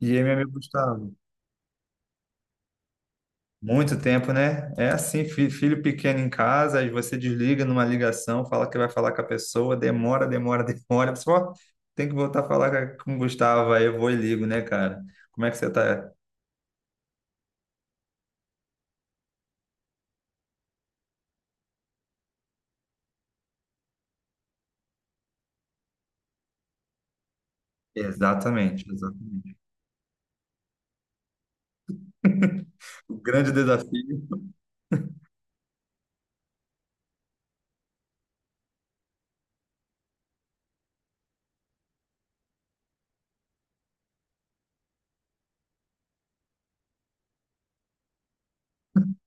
E aí, meu amigo Gustavo, muito tempo, né? É assim, filho pequeno em casa, aí você desliga numa ligação, fala que vai falar com a pessoa, demora, demora, demora. Você fala, "Ó, tem que voltar a falar com o Gustavo, aí eu vou e ligo, né, cara? Como é que você tá? Exatamente, exatamente. O grande desafio.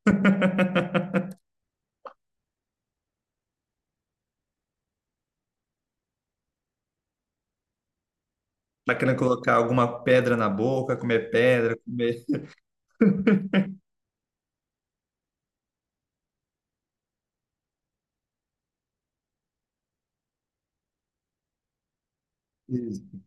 Tá querendo colocar alguma pedra na boca, comer pedra, comer.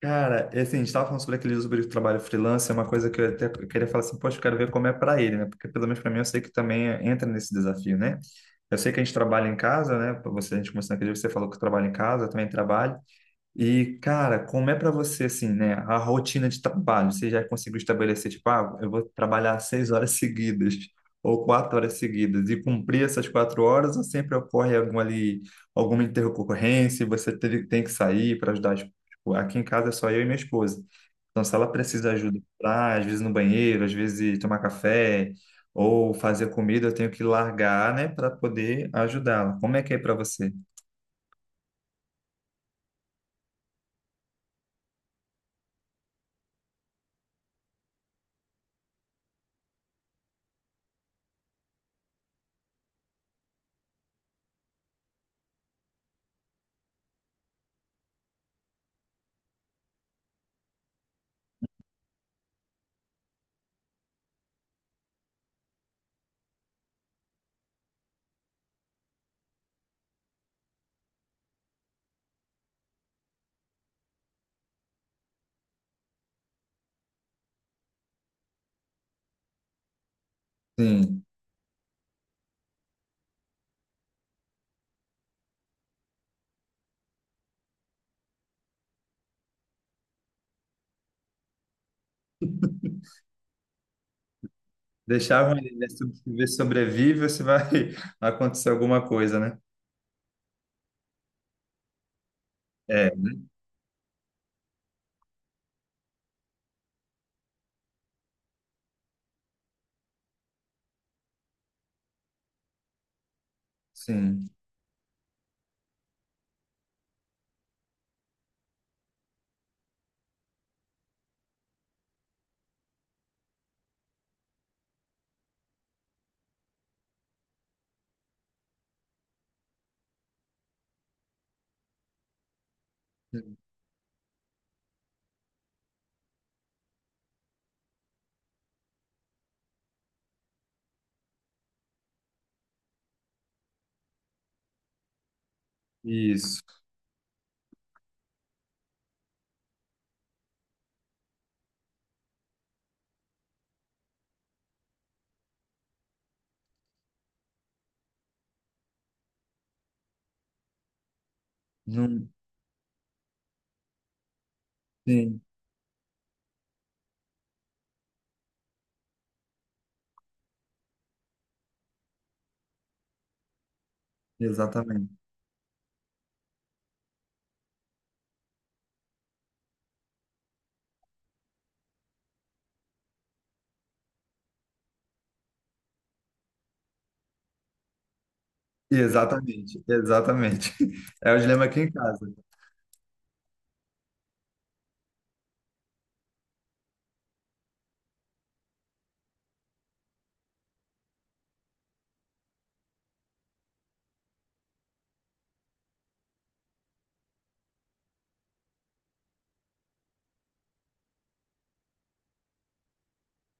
Cara, é assim, a gente estava falando sobre aquele sobre o trabalho freelance, é uma coisa que eu até queria falar assim, poxa, eu quero ver como é para ele, né? Porque pelo menos para mim eu sei que também entra nesse desafio, né? Eu sei que a gente trabalha em casa, né? Pra você, a gente começou naquele dia, você falou que trabalha em casa, eu também trabalho. E, cara, como é para você, assim, né, a rotina de trabalho? Você já conseguiu estabelecer, tipo, ah, eu vou trabalhar 6 horas seguidas ou 4 horas seguidas e cumprir essas 4 horas ou sempre ocorre alguma ali, alguma intercorrência e você tem que sair para ajudar? Tipo, aqui em casa é só eu e minha esposa. Então, se ela precisa de ajuda pra, às vezes no banheiro, às vezes tomar café ou fazer comida, eu tenho que largar, né, para poder ajudá-la. Como é que é para você? Sim. Deixavam ele, né? Se você sobrevive, você vai acontecer alguma coisa, né? É, sim. Isso. Não, sim, exatamente. Exatamente, exatamente. É o dilema aqui em casa.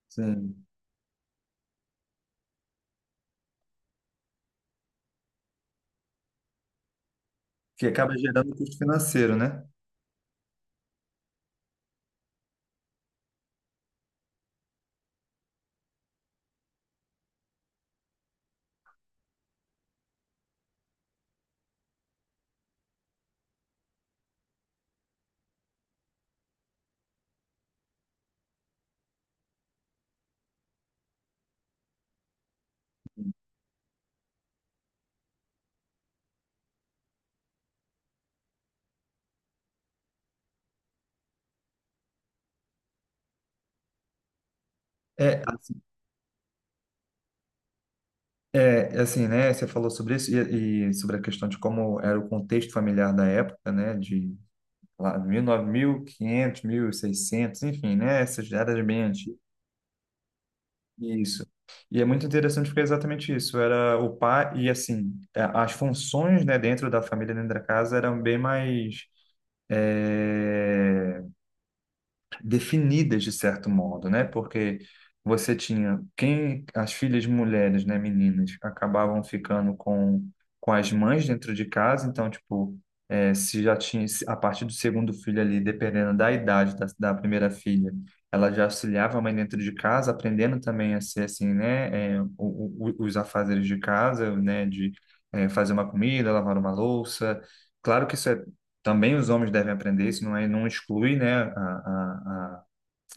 Sim. Que acaba gerando custo financeiro, né? É, assim, é, é assim, né? Você falou sobre isso e sobre a questão de como era o contexto familiar da época, né? De lá, 1900, 1500, 600, enfim, né? Essas eras bem antigas. Isso. E é muito interessante porque é exatamente isso. Era o pai, e assim, as funções, né, dentro da família, dentro da casa, eram bem mais. é, definidas de certo modo, né? Porque você tinha quem, as filhas mulheres, né, meninas, acabavam ficando com as mães dentro de casa, então tipo, se já tinha a partir do segundo filho ali, dependendo da idade da primeira filha, ela já auxiliava a mãe dentro de casa, aprendendo também a ser assim, né, os afazeres de casa, né, de fazer uma comida, lavar uma louça. Claro que isso é, também os homens devem aprender, isso não é, não exclui, né, a, a,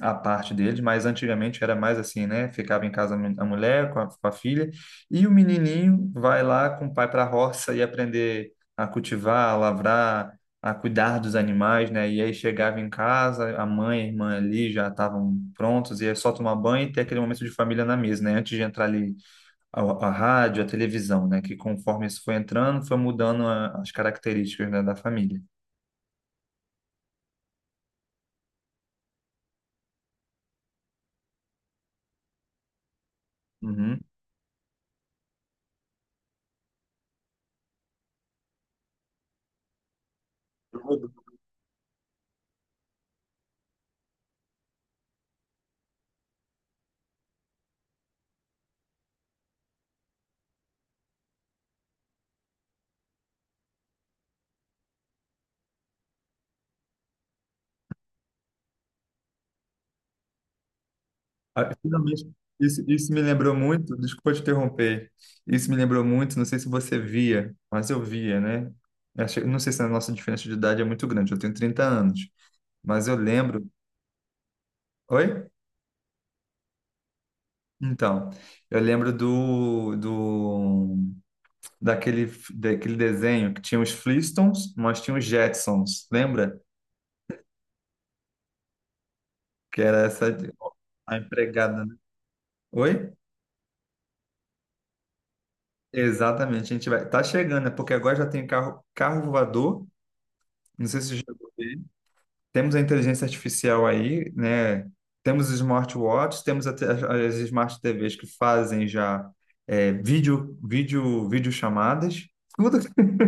a, a parte deles, mas antigamente era mais assim, né, ficava em casa a mulher com a filha, e o menininho vai lá com o pai para a roça e aprender a cultivar, a lavrar, a cuidar dos animais, né, e aí chegava em casa, a mãe e a irmã ali já estavam prontos, e é só tomar banho e ter aquele momento de família na mesa, né, antes de entrar ali a rádio, a televisão, né, que conforme isso foi entrando, foi mudando as características, né, da família. Uhum. Tudo. Ah, finalmente, isso me lembrou muito, desculpa te interromper, isso me lembrou muito, não sei se você via, mas eu via, né? Não sei se a nossa diferença de idade é muito grande, eu tenho 30 anos, mas eu lembro. Oi? Então, eu lembro do daquele, daquele desenho, que tinha os Flintstones, mas tinha os Jetsons, lembra? Que era essa a empregada, né? Oi? Exatamente, a gente vai. Tá chegando, né? Porque agora já tem carro voador. Não sei se já. Temos a inteligência artificial aí, né? Temos os smartwatches, temos até as smart TVs que fazem já, videochamadas. Tudo,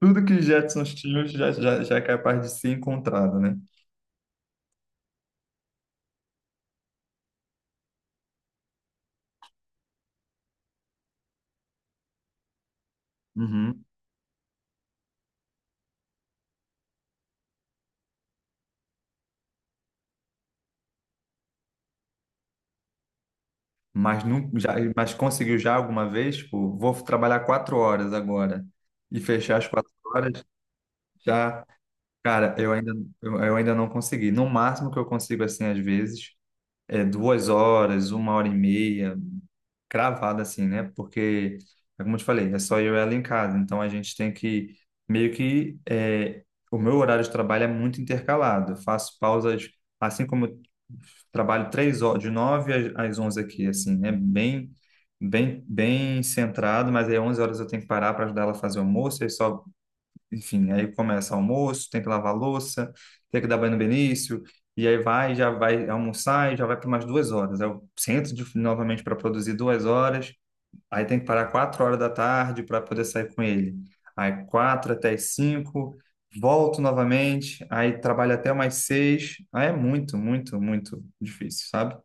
tudo que Jetson tinha já é capaz de ser encontrado, né? Uhum. Mas, não, já, mas conseguiu já alguma vez? Tipo, vou trabalhar 4 horas agora e fechar as 4 horas? Já, cara, eu ainda não consegui. No máximo que eu consigo, assim, às vezes, é 2 horas, 1 hora e meia, cravada assim, né? Porque, é como eu te falei, é só eu e ela em casa. Então a gente tem que meio que, o meu horário de trabalho é muito intercalado. Eu faço pausas, assim como eu trabalho 3 horas, de 9 às 11 aqui, assim, é bem, bem, bem centrado. Mas aí, 11 horas eu tenho que parar para ajudar ela a fazer o almoço. Aí, só enfim, aí começa almoço, tem que lavar a louça, tem que dar banho no Benício, e aí vai, já vai almoçar e já vai para mais 2 horas. Eu sento novamente para produzir 2 horas, aí tem que parar 4 horas da tarde para poder sair com ele. Aí, 4 até as 5, volto novamente, aí trabalho até mais 6. Aí é muito, muito, muito difícil, sabe?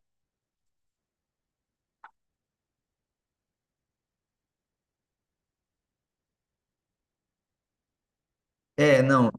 É, não.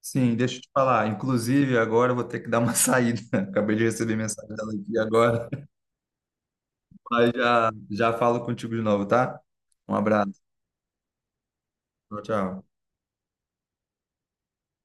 Sim, deixa eu te falar. Inclusive, agora eu vou ter que dar uma saída. Acabei de receber mensagem dela aqui agora. Mas já, já falo contigo de novo, tá? Um abraço. Tchau, tchau.